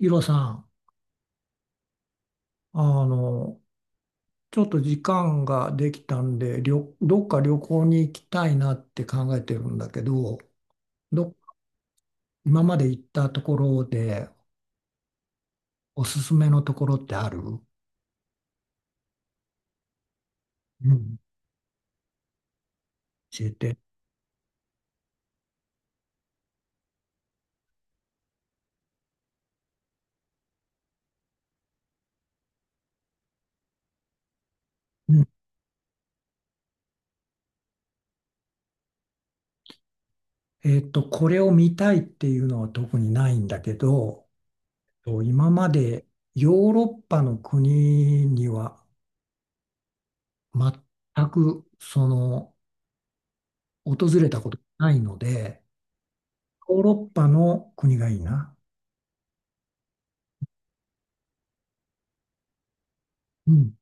イロさん、あの、ちょっと時間ができたんで、どっか旅行に行きたいなって考えてるんだけど、ど、今まで行ったところでおすすめのところってある？うん、教えて。うん、これを見たいっていうのは特にないんだけど、今までヨーロッパの国には全く訪れたことないので、ヨーロッパの国がいいな。うん。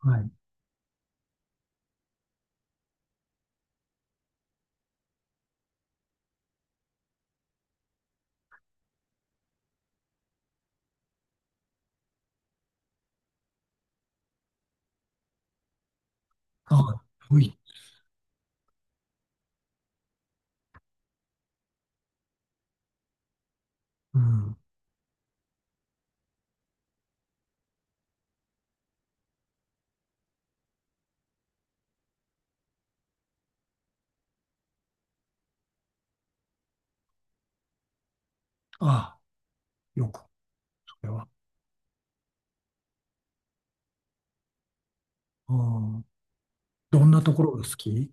はい。あ、遠い。うん。あ、よく、それは。うん。どんなところが好き？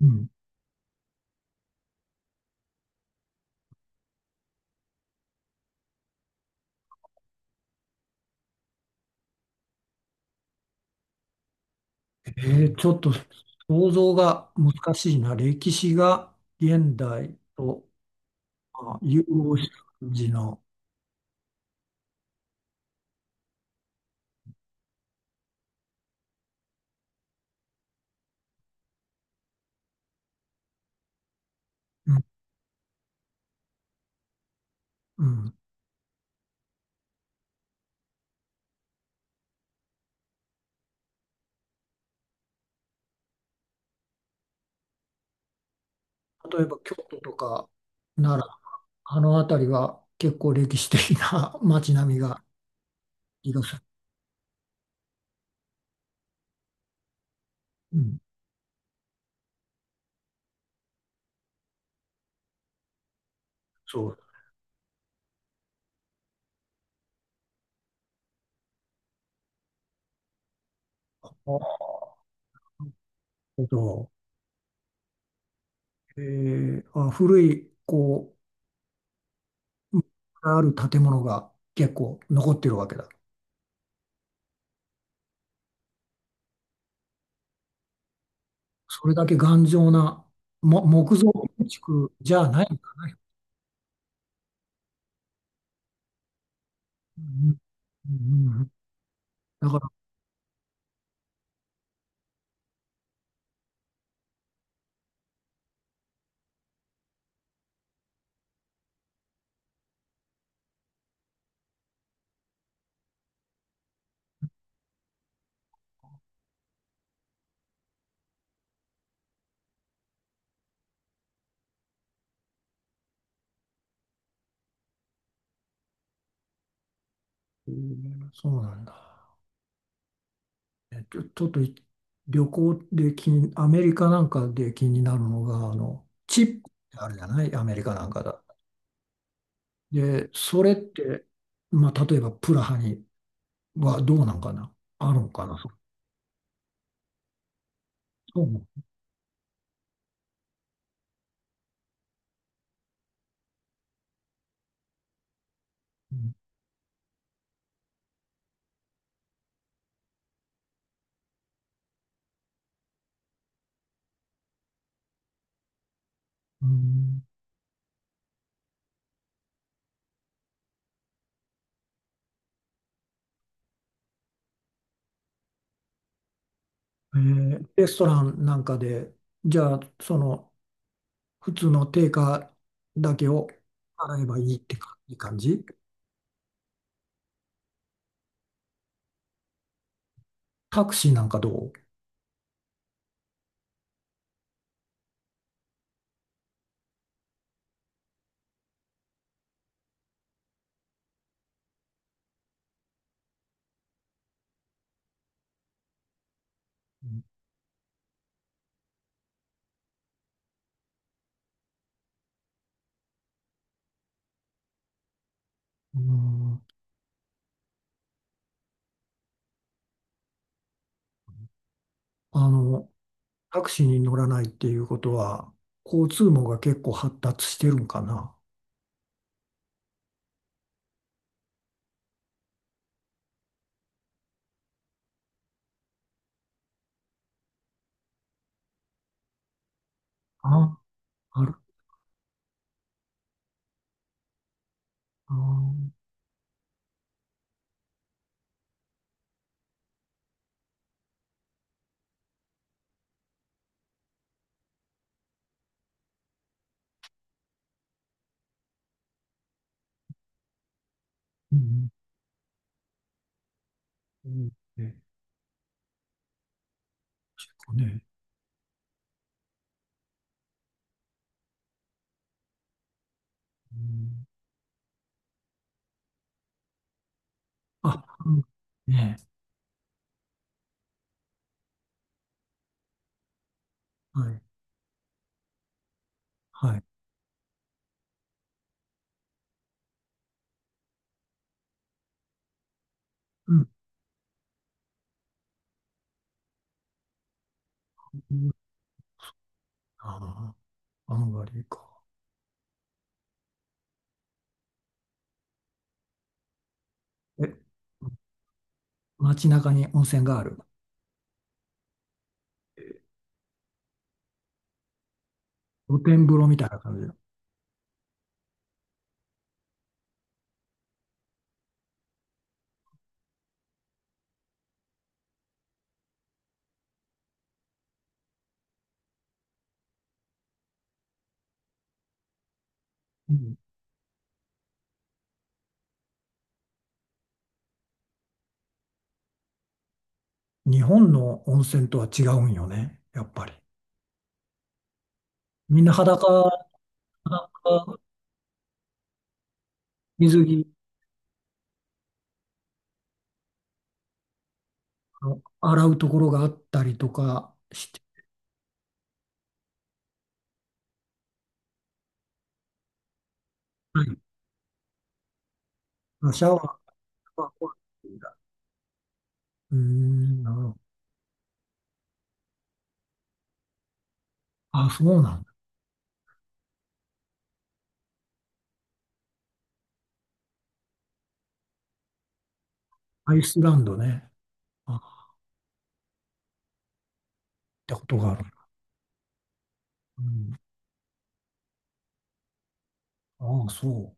うん。えちょっと想像が難しいな。歴史が現代と融合した感じの。うん。うん。例えば京都とか奈良、あの辺りは結構歴史的な 街並みがいらっしゃる。うん。そう。あ、なるほど。あ、古い、こう、ある建物が結構残ってるわけだ。それだけ頑丈な、木造建築じゃないんだね。うんうんうん。うん、だから、うん、そうなんだ。えちょ、ちょっと旅行でアメリカなんかで気になるのが、チップってあるじゃない、アメリカなんかだ。で、それって、まあ、例えばプラハにはどうなんかな、あるのかな。そう。そう。うんうん。レストランなんかで、じゃあ、普通の定価だけを払えばいいってか、いい感じ？タクシーなんかどう？うん、うん。あの、タクシーに乗らないっていうことは、交通網が結構発達してるんかな？あ、ある、あー、うん、うん、ね、結構ね、うん、あ、うん、ね、はい、はい、うん、うん、ああ、あんまりか。え、街中に温泉がある？露天風呂みたいな感じの。うん、日本の温泉とは違うんよね、やっぱり。みんな裸、裸水着、あの洗うところがあったりとかして、はい、シャワーとかは。うーん、なるほど。あ、そうなんだ。アイスランドね。あ、ってことがある。うん、ああ、そ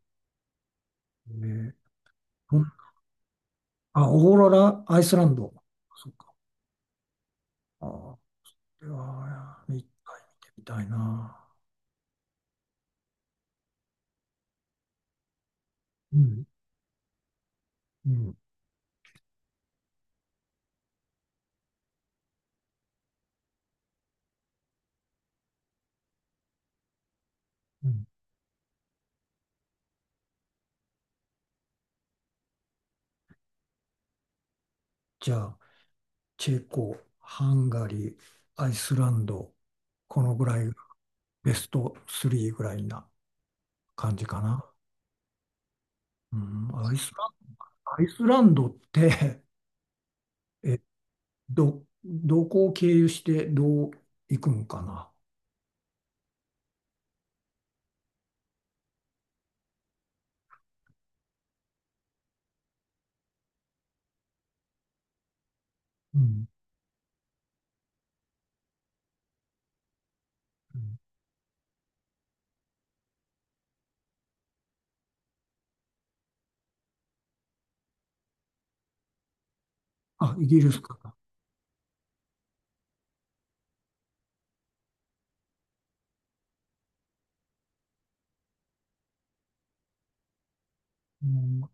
う。うんああそうえほんあオーロラ、アイスランド。そっか。ああ、これは、一回見てみたいな。うんうん、うん。じゃあ、チェコ、ハンガリー、アイスランド、このぐらいがベスト3ぐらいな感じかな？うん、アイスランドって、え、どこを経由してどう行くんかな？うん、うん。あ、イギリスかな。うん、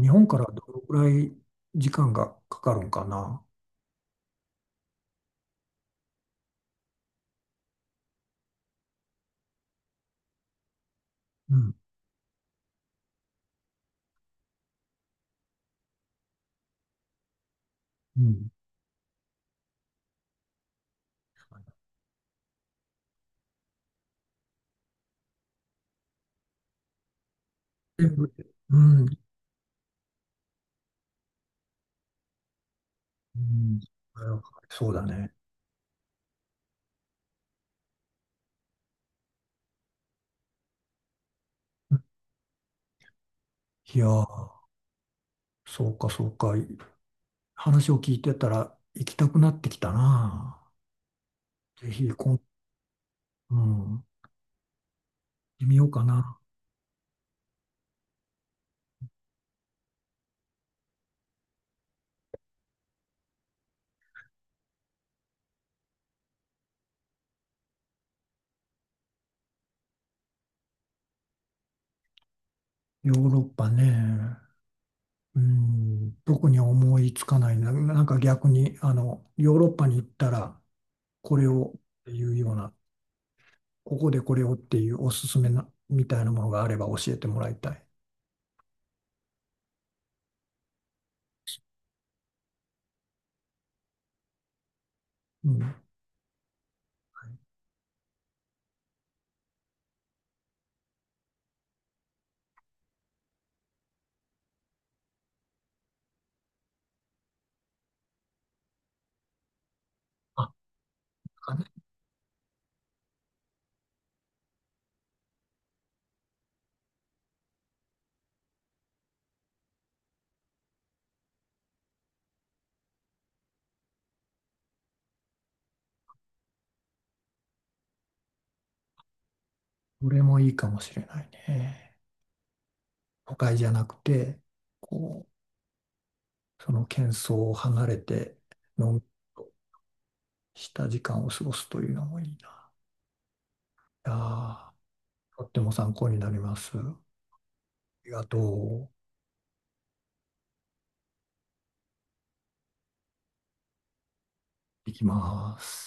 日本からどのぐらい時間がかかるんかな？うん、うん。全部で。うん、うん、そうだね。いやー、そうか、そうか。話を聞いてたら行きたくなってきたな。ぜひ、うん、行ってみようかな。ヨーロッパね。うん、特に思いつかないな。なんか逆に、ヨーロッパに行ったら、これをっていうような、ここでこれをっていうおすすめな、みたいなものがあれば教えてもらいたい。うん。はい。あ、なんかね、これもいいかもしれないね。都会じゃなくて、こう、その喧騒を離れて、のんびりとした時間を過ごすというのもいいな。いやー、とっても参考になります。ありがとう。いきます。